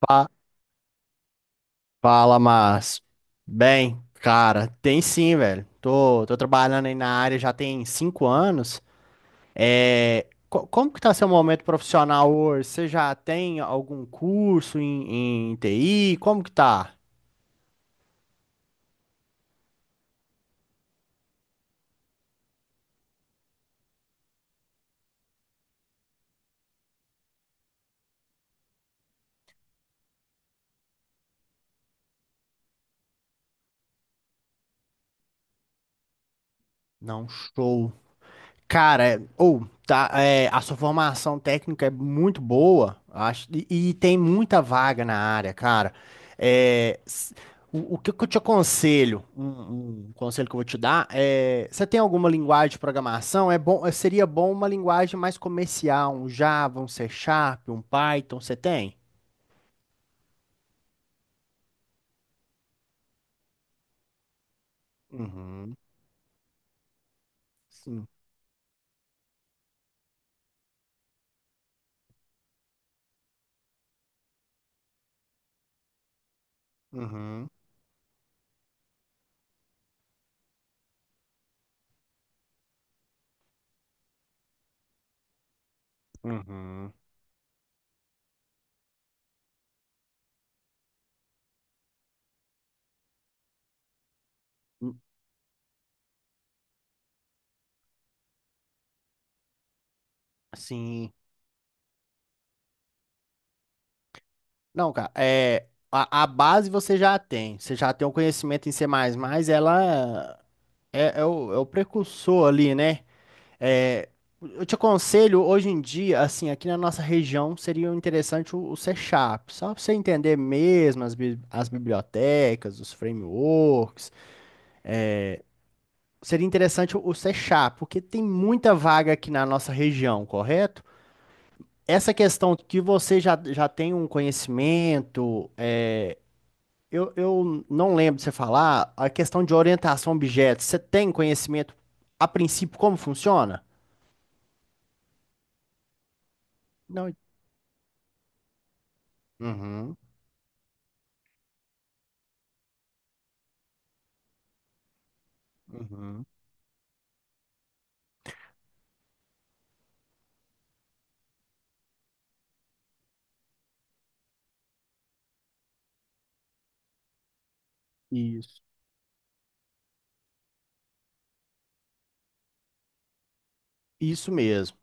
Fa- Fala, Márcio. Bem, cara, tem sim, velho. Tô trabalhando aí na área já tem 5 anos. É, como que tá seu momento profissional hoje? Você já tem algum curso em TI? Como que tá? Não, show. Cara, a sua formação técnica é muito boa, acho, e, tem muita vaga na área, cara. É, s- o que que eu te aconselho, um conselho que eu vou te dar é, você tem alguma linguagem de programação? É bom, é, seria bom uma linguagem mais comercial, um Java, um C Sharp, um Python, você tem? Uhum, sim. Uhum, uhum. Hum. Sim. Não, cara, é, a base você já tem. Você já tem o conhecimento em C++, ela é o precursor ali, né? É, eu te aconselho, hoje em dia, assim, aqui na nossa região, seria interessante o C Sharp, só para você entender mesmo as, as bibliotecas, os frameworks. Seria interessante o C Sharp, porque tem muita vaga aqui na nossa região, correto? Essa questão que você já tem um conhecimento. Eu não lembro de você falar a questão de orientação a objetos. Você tem conhecimento, a princípio, como funciona? Não. Uhum, uhum. Isso. Isso mesmo.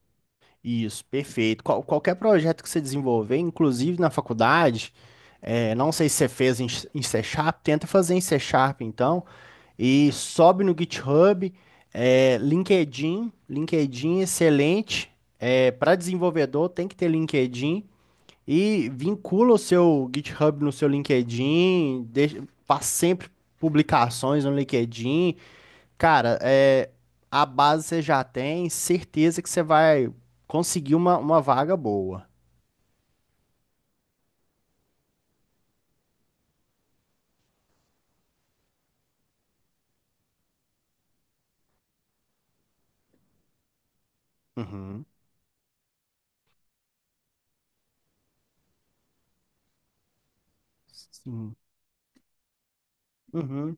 Isso, perfeito. Qualquer projeto que você desenvolver, inclusive na faculdade, é, não sei se você fez em C Sharp, tenta fazer em C Sharp, então, e sobe no GitHub, é, LinkedIn, LinkedIn é excelente. Para desenvolvedor tem que ter LinkedIn. E vincula o seu GitHub no seu LinkedIn, deixa, faz sempre publicações no LinkedIn. Cara, é, a base você já tem, certeza que você vai conseguir uma vaga boa. Uhum. Sim. Uhum.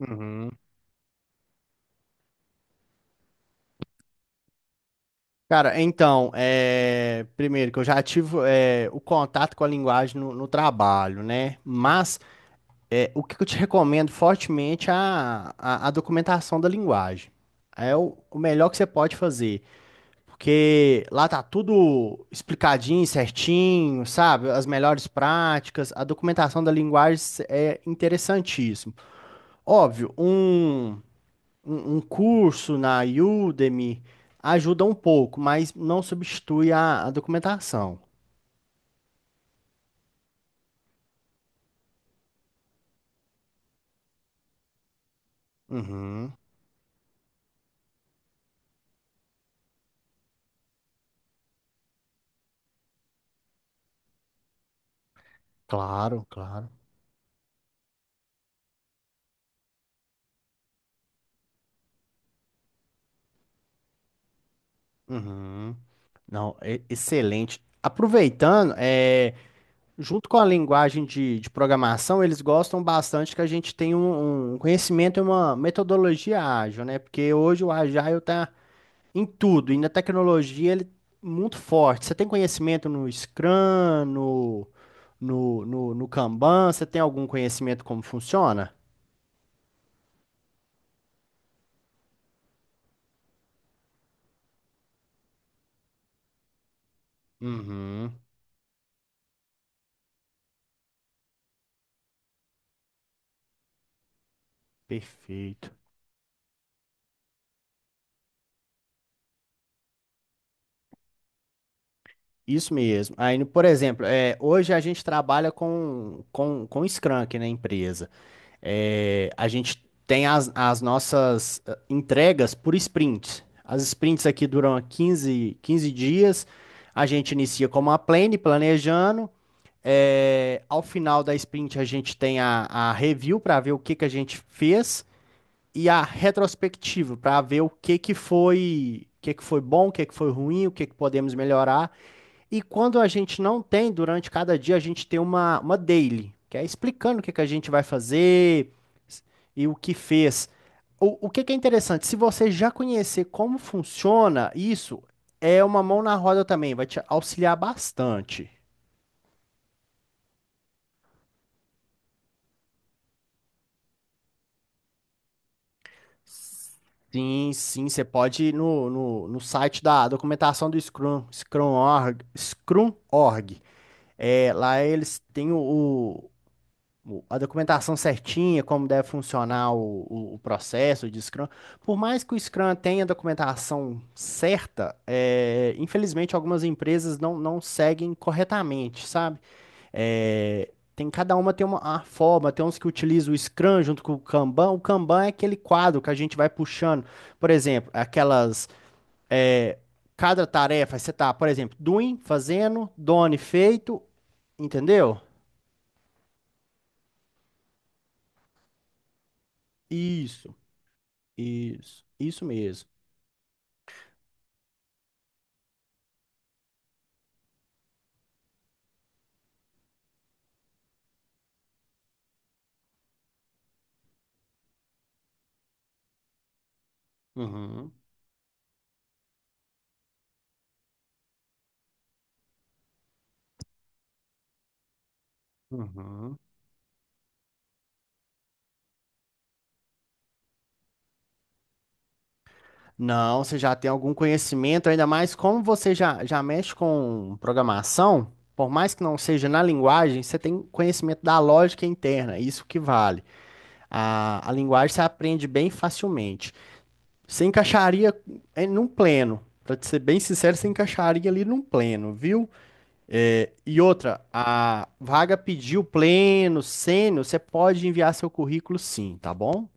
Uhum. Cara, então, é, primeiro que eu já tive é, o contato com a linguagem no trabalho, né? Mas o que que eu te recomendo fortemente é a, a documentação da linguagem. É o melhor que você pode fazer. Porque lá tá tudo explicadinho, certinho, sabe? As melhores práticas, a documentação da linguagem é interessantíssimo. Óbvio, um curso na Udemy ajuda um pouco, mas não substitui a, documentação. Uhum, claro, claro. Uhum. Não, excelente. Aproveitando, é, junto com a linguagem de programação, eles gostam bastante que a gente tenha um, um conhecimento e uma metodologia ágil, né? Porque hoje o Agile está em tudo, e na tecnologia ele é muito forte. Você tem conhecimento no Scrum, no Kanban? Você tem algum conhecimento como funciona? Uhum, perfeito. Isso mesmo. Aí, por exemplo, é, hoje a gente trabalha com Scrum aqui na empresa. É, a gente tem as, as nossas eh, entregas por sprints. As sprints aqui duram quinze dias. A gente inicia como uma planejando. É, ao final da sprint, a gente tem a review para ver o que que a gente fez e a retrospectiva para ver o que que foi, o que que foi bom, o que que foi ruim, o que que podemos melhorar. E quando a gente não tem, durante cada dia, a gente tem uma daily, que é explicando o que que a gente vai fazer e o que fez. O que que é interessante, se você já conhecer como funciona isso, é uma mão na roda também, vai te auxiliar bastante. Sim, sim, você pode ir no site da documentação do Scrum, Scrum.org, Scrum.org. É, lá eles têm a documentação certinha, como deve funcionar o processo de Scrum. Por mais que o Scrum tenha a documentação certa, é, infelizmente algumas empresas não seguem corretamente, sabe? É, tem cada uma tem uma, a forma, tem uns que utilizam o Scrum junto com o Kanban. O Kanban é aquele quadro que a gente vai puxando. Por exemplo, aquelas. É, cada tarefa, você tá, por exemplo, doing, fazendo, done, feito, entendeu? Isso. Isso mesmo. Uhum, uhum. Não, você já tem algum conhecimento, ainda mais como você já, já mexe com programação, por mais que não seja na linguagem, você tem conhecimento da lógica interna, isso que vale. A linguagem você aprende bem facilmente. Você encaixaria num pleno, para ser bem sincero, você encaixaria ali num pleno, viu? É, e outra, a vaga pediu pleno, sênior, você pode enviar seu currículo sim, tá bom?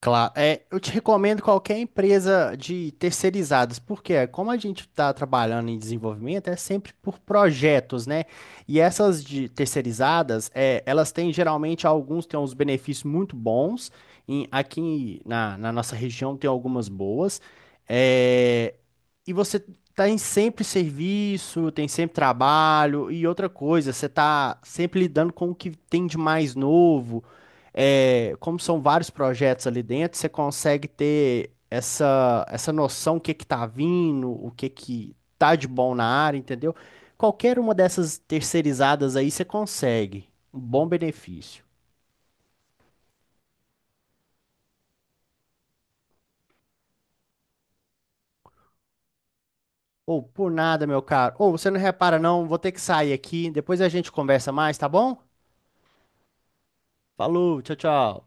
Claro, é, eu te recomendo qualquer empresa de terceirizados, porque é, como a gente está trabalhando em desenvolvimento, é sempre por projetos, né? E essas de terceirizadas, é, elas têm geralmente alguns têm uns benefícios muito bons. Aqui na, na nossa região tem algumas boas. É, e você tem sempre serviço, tem sempre trabalho, e outra coisa, você está sempre lidando com o que tem de mais novo é, como são vários projetos ali dentro, você consegue ter essa, essa noção o que que tá vindo, o que que tá de bom na área, entendeu? Qualquer uma dessas terceirizadas aí você consegue um bom benefício. Ou por nada, meu caro. Ou você não repara não, vou ter que sair aqui, depois a gente conversa mais, tá bom? Falou, tchau, tchau.